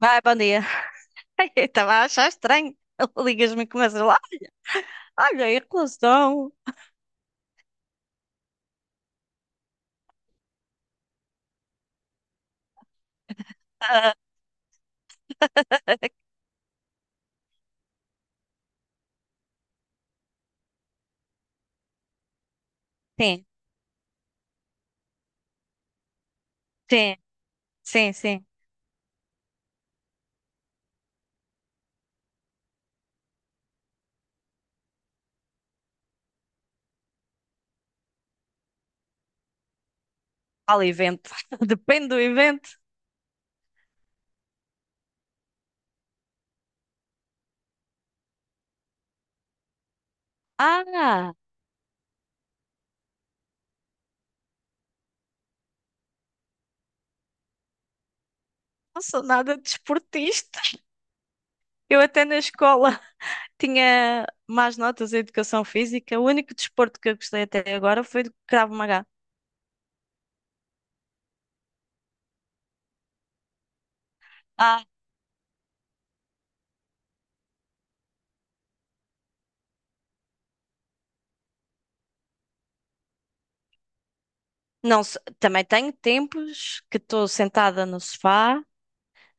Vai, bom dia. Eu estava a achar estranho. Ligas-me e começas lá. Olha, em relação. Ah, sim, sim, sim, sim. Fala evento. Depende do evento. Ah, não sou nada desportista. Eu até na escola tinha más notas em educação física. O único desporto que eu gostei até agora foi do Krav Maga. Ah, não, também tenho tempos que estou sentada no sofá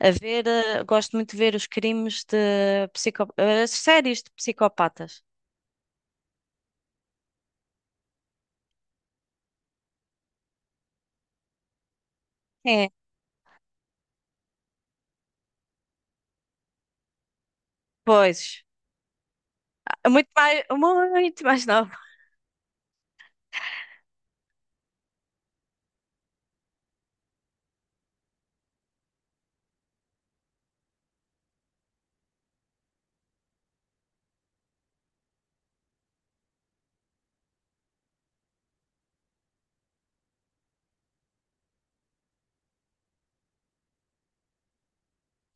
a ver, gosto muito de ver os crimes de psico, as séries de psicopatas. É. Pois, ah, muito mais, nova.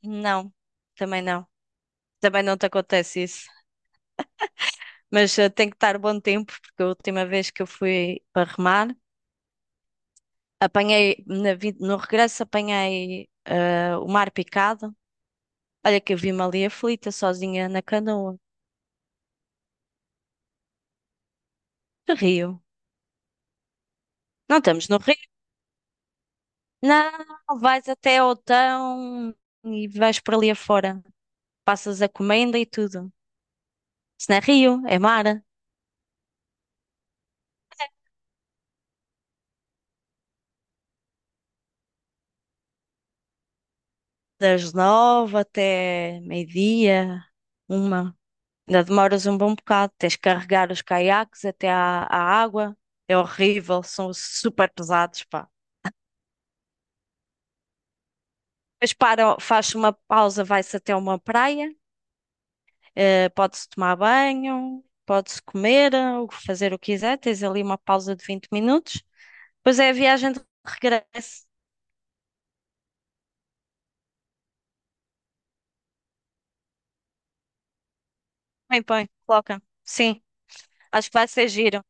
Não, também não. Também não te acontece isso. Mas tem que estar bom tempo, porque a última vez que eu fui para remar, apanhei, no regresso apanhei o mar picado. Olha que eu vi-me ali aflita, sozinha na canoa. Que rio. Não estamos no rio. Não, vais até ao Tão e vais por ali afora. Passas a comenda e tudo. Se não é rio, é mar. Das nove até meio-dia, uma. Ainda demoras um bom bocado. Tens que carregar os caiaques até à água. É horrível, são super pesados, pá. Depois para, faz uma pausa, vai-se até uma praia. Pode-se tomar banho, pode-se comer, ou fazer o que quiser. Tens ali uma pausa de 20 minutos. Depois é a viagem de regresso. Põe, põe, coloca. Sim, acho que vai ser giro.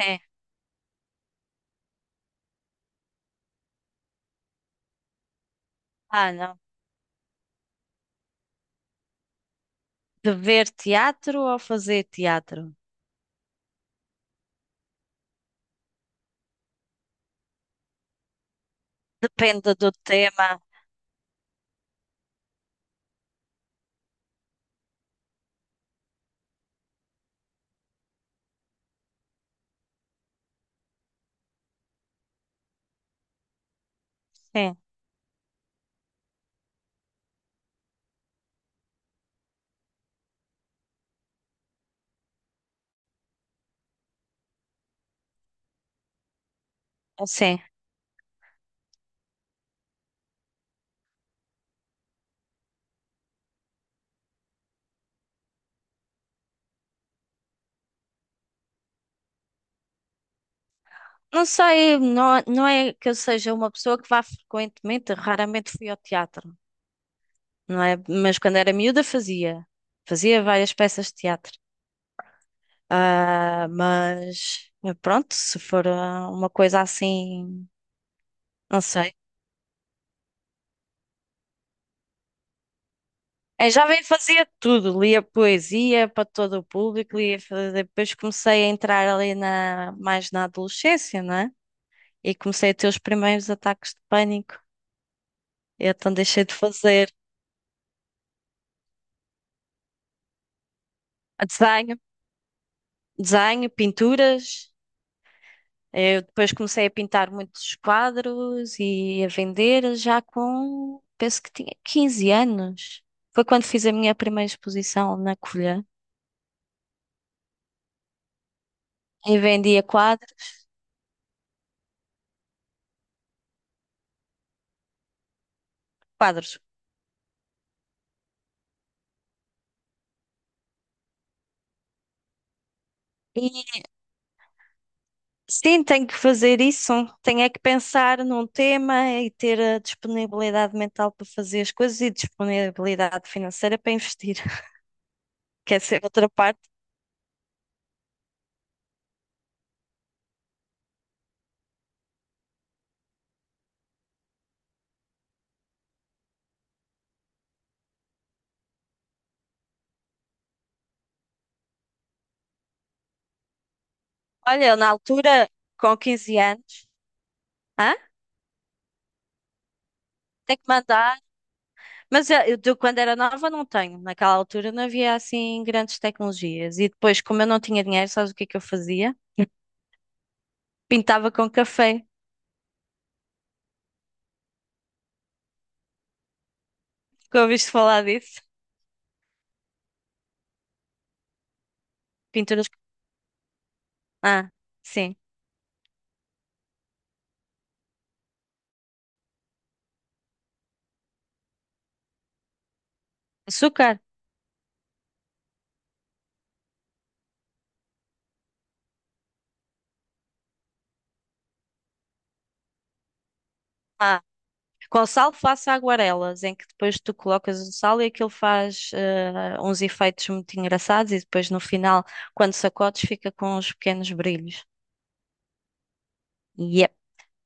É. Ah, não. De ver teatro ou fazer teatro? Depende do tema. Sim, sim. Não sei, não, não é que eu seja uma pessoa que vá frequentemente, raramente fui ao teatro, não é? Mas quando era miúda fazia. Fazia várias peças de teatro. Ah, mas pronto, se for ah, uma coisa assim, não sei. Em jovem fazia tudo, lia poesia para todo o público, lia, depois comecei a entrar ali na, mais na adolescência, não é? E comecei a ter os primeiros ataques de pânico. E então deixei de fazer desenho, desenho, pinturas. Eu depois comecei a pintar muitos quadros e a vender já com, penso que tinha 15 anos. Foi quando fiz a minha primeira exposição na Covilhã e vendia quadros, quadros. E sim, tenho que fazer isso. Tenho é que pensar num tema e ter a disponibilidade mental para fazer as coisas e disponibilidade financeira para investir. Quer ser outra parte. Olha, eu na altura, com 15 anos, hã? Tem que mandar. Mas eu de quando era nova não tenho. Naquela altura não havia assim grandes tecnologias. E depois, como eu não tinha dinheiro, sabes o que é que eu fazia? Pintava com café. Que ouviste falar disso? Pinturas. Ah, sim. Açúcar. Ah. Com sal faço aguarelas, em que depois tu colocas o sal e aquilo faz uns efeitos muito engraçados e depois no final, quando sacodes, fica com uns pequenos brilhos.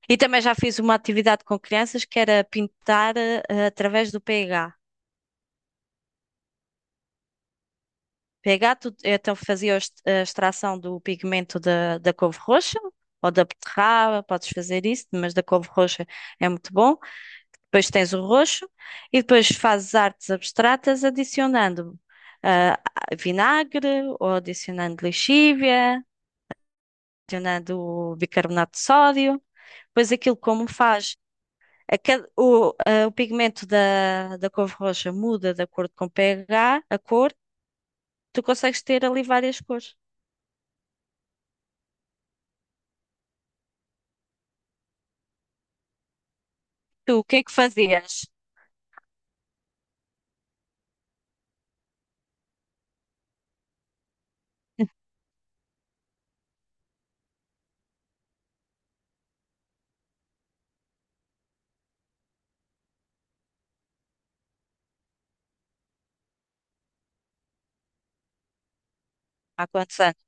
E também já fiz uma atividade com crianças que era pintar através do pH. pH, então fazia a a extração do pigmento da, da couve roxa ou da beterraba, podes fazer isso, mas da couve roxa é muito bom. Depois tens o roxo e depois fazes artes abstratas adicionando ah, vinagre ou adicionando lixívia, adicionando bicarbonato de sódio. Depois aquilo como faz. A cada- o, a- O pigmento da, da couve roxa muda de acordo com o pH, a cor. Tu consegues ter ali várias cores. Tu, o que é que fazias? Há quantos anos?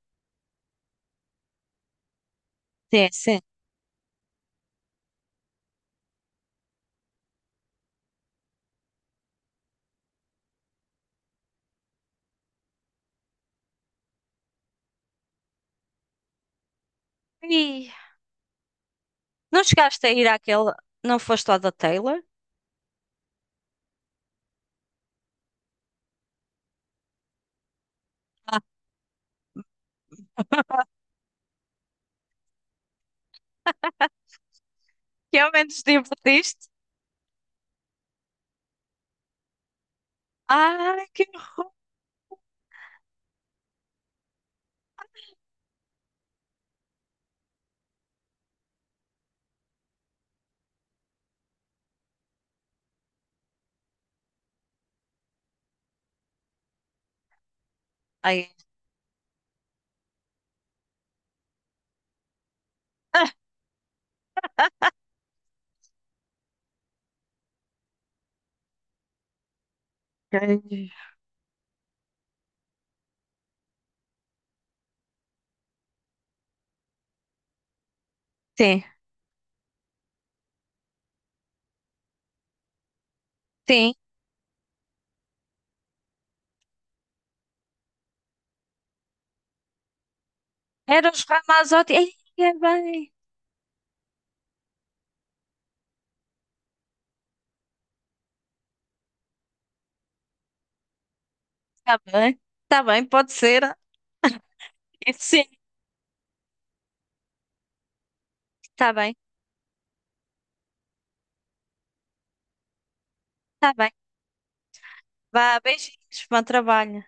Sim, sim. Ih, não chegaste a ir àquele. Não foste ao da Taylor? Que ao menos divertiste? Ai, que horror. Ai, ah, que- Sim, sim. Eram os Ramazotti. Ai, é bem. Está bem. Está bem, pode ser. Sim, está bem. Está bem. Vá, beijinhos, bom trabalho.